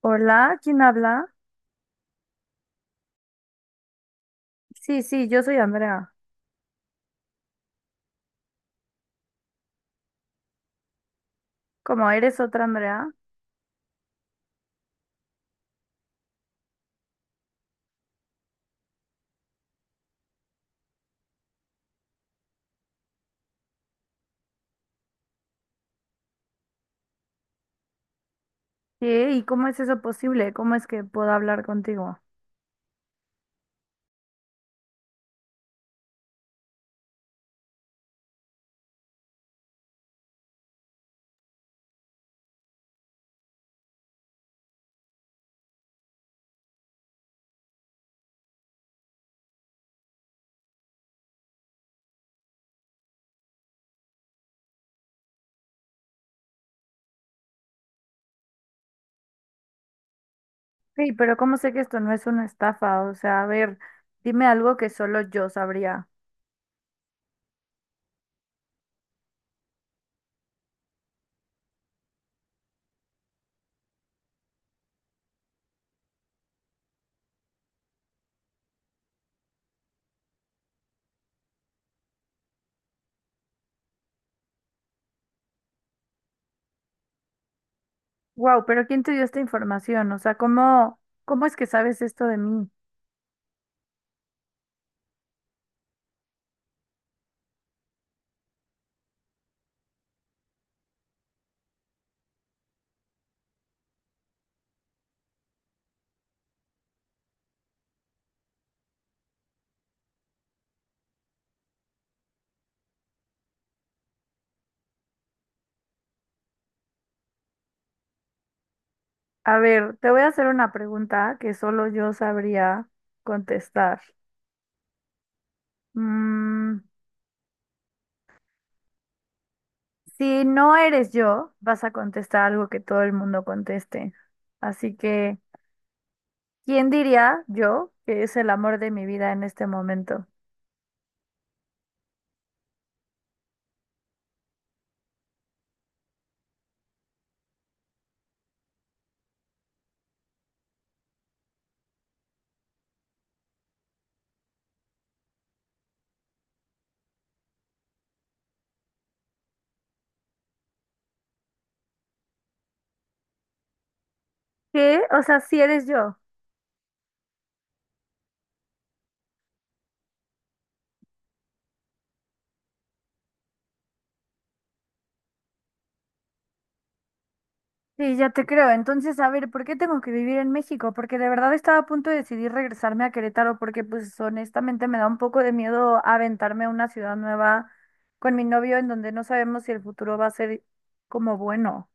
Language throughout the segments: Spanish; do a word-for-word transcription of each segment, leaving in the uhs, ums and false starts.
Hola, ¿quién habla? Sí, sí, yo soy Andrea. ¿Cómo eres otra Andrea? ¿Qué? ¿Y cómo es eso posible? ¿Cómo es que puedo hablar contigo? Sí, pero ¿cómo sé que esto no es una estafa? O sea, a ver, dime algo que solo yo sabría. Wow, pero ¿quién te dio esta información? O sea, ¿cómo, cómo es que sabes esto de mí? A ver, te voy a hacer una pregunta que solo yo sabría contestar. Mm, si no eres yo, vas a contestar algo que todo el mundo conteste. Así que ¿quién diría yo que es el amor de mi vida en este momento? ¿Qué? O sea, si eres yo. Sí, ya te creo. Entonces, a ver, ¿por qué tengo que vivir en México? Porque de verdad estaba a punto de decidir regresarme a Querétaro porque, pues, honestamente me da un poco de miedo aventarme a una ciudad nueva con mi novio en donde no sabemos si el futuro va a ser como bueno.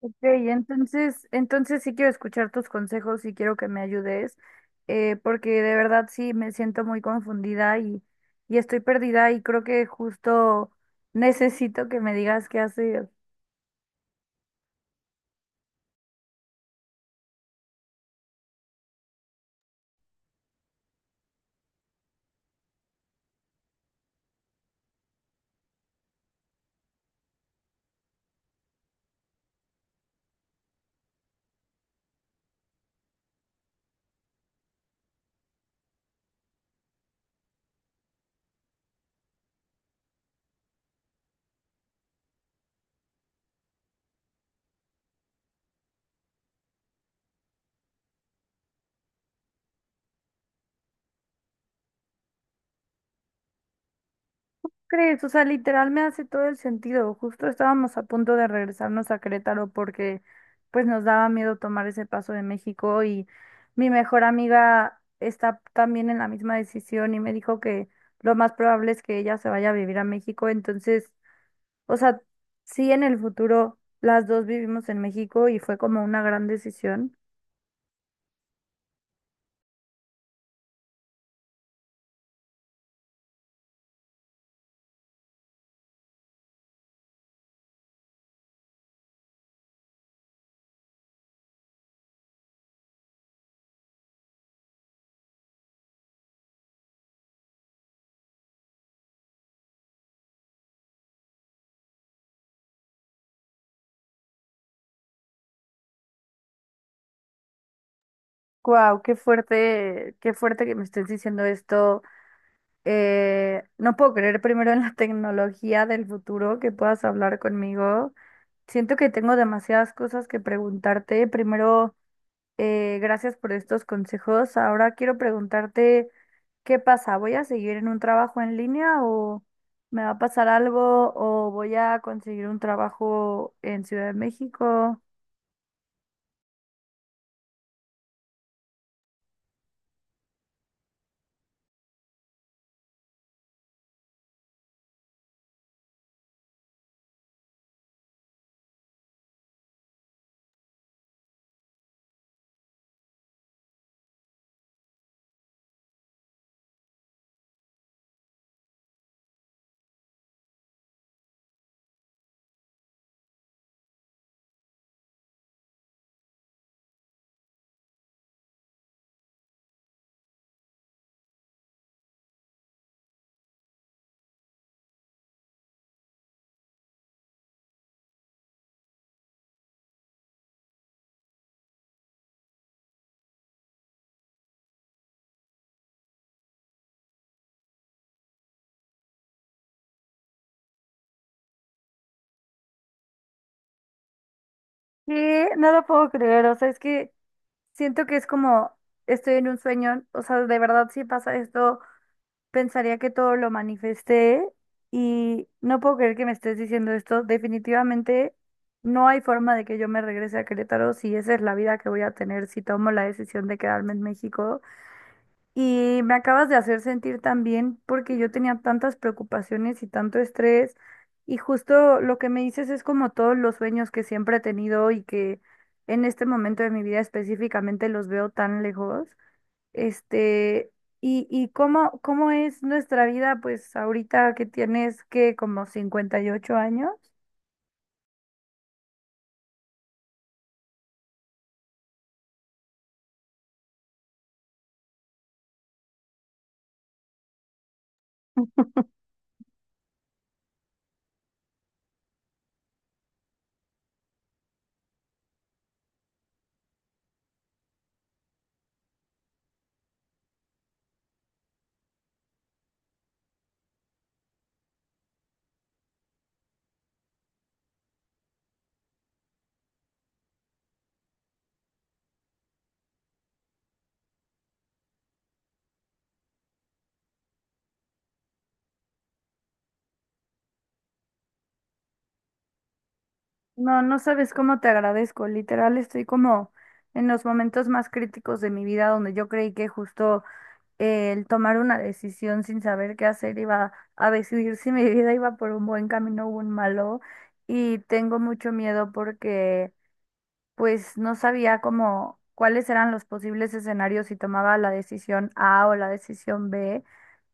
Ok, entonces, entonces sí quiero escuchar tus consejos y quiero que me ayudes, eh, porque de verdad sí me siento muy confundida y, y estoy perdida y creo que justo necesito que me digas qué hacer. ¿Crees? O sea, literal me hace todo el sentido. Justo estábamos a punto de regresarnos a Querétaro porque pues nos daba miedo tomar ese paso de México y mi mejor amiga está también en la misma decisión y me dijo que lo más probable es que ella se vaya a vivir a México, entonces... O sea, sí, en el futuro las dos vivimos en México y fue como una gran decisión. Wow, qué fuerte, qué fuerte que me estés diciendo esto. Eh, no puedo creer primero en la tecnología del futuro que puedas hablar conmigo. Siento que tengo demasiadas cosas que preguntarte. Primero, eh, gracias por estos consejos. Ahora quiero preguntarte. ¿Qué pasa? ¿Voy a seguir en un trabajo en línea o me va a pasar algo o voy a conseguir un trabajo en Ciudad de México? ¿Qué? No lo puedo creer, o sea, es que siento que es como estoy en un sueño, o sea, de verdad si pasa esto, pensaría que todo lo manifesté y no puedo creer que me estés diciendo esto. Definitivamente no hay forma de que yo me regrese a Querétaro si esa es la vida que voy a tener si tomo la decisión de quedarme en México. Y me acabas de hacer sentir tan bien porque yo tenía tantas preocupaciones y tanto estrés. Y justo lo que me dices es como todos los sueños que siempre he tenido y que en este momento de mi vida específicamente los veo tan lejos. Este, y, y cómo, cómo es nuestra vida, pues ahorita que tienes que como cincuenta y ocho años. No, no sabes cómo te agradezco. Literal, estoy como en los momentos más críticos de mi vida donde yo creí que justo el tomar una decisión sin saber qué hacer iba a decidir si mi vida iba por un buen camino o un malo y tengo mucho miedo porque pues no sabía cómo cuáles eran los posibles escenarios si tomaba la decisión A o la decisión be,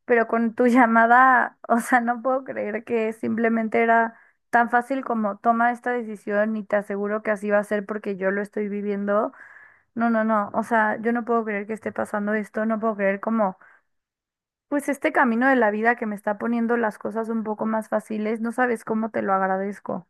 pero con tu llamada, o sea, no puedo creer que simplemente era tan fácil como toma esta decisión y te aseguro que así va a ser porque yo lo estoy viviendo. No, no, no, o sea, yo no puedo creer que esté pasando esto, no puedo creer cómo pues este camino de la vida que me está poniendo las cosas un poco más fáciles, no sabes cómo te lo agradezco.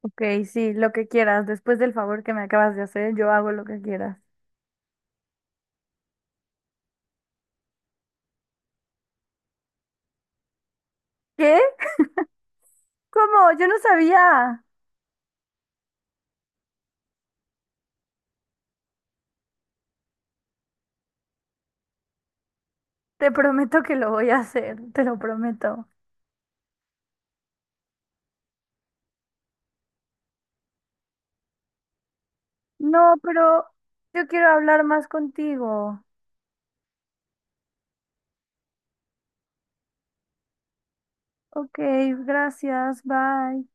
Ok, sí, lo que quieras. Después del favor que me acabas de hacer, yo hago lo que quieras. ¿Qué? ¿Cómo? Yo no sabía. Te prometo que lo voy a hacer, te lo prometo. No, pero yo quiero hablar más contigo. Ok, gracias, bye.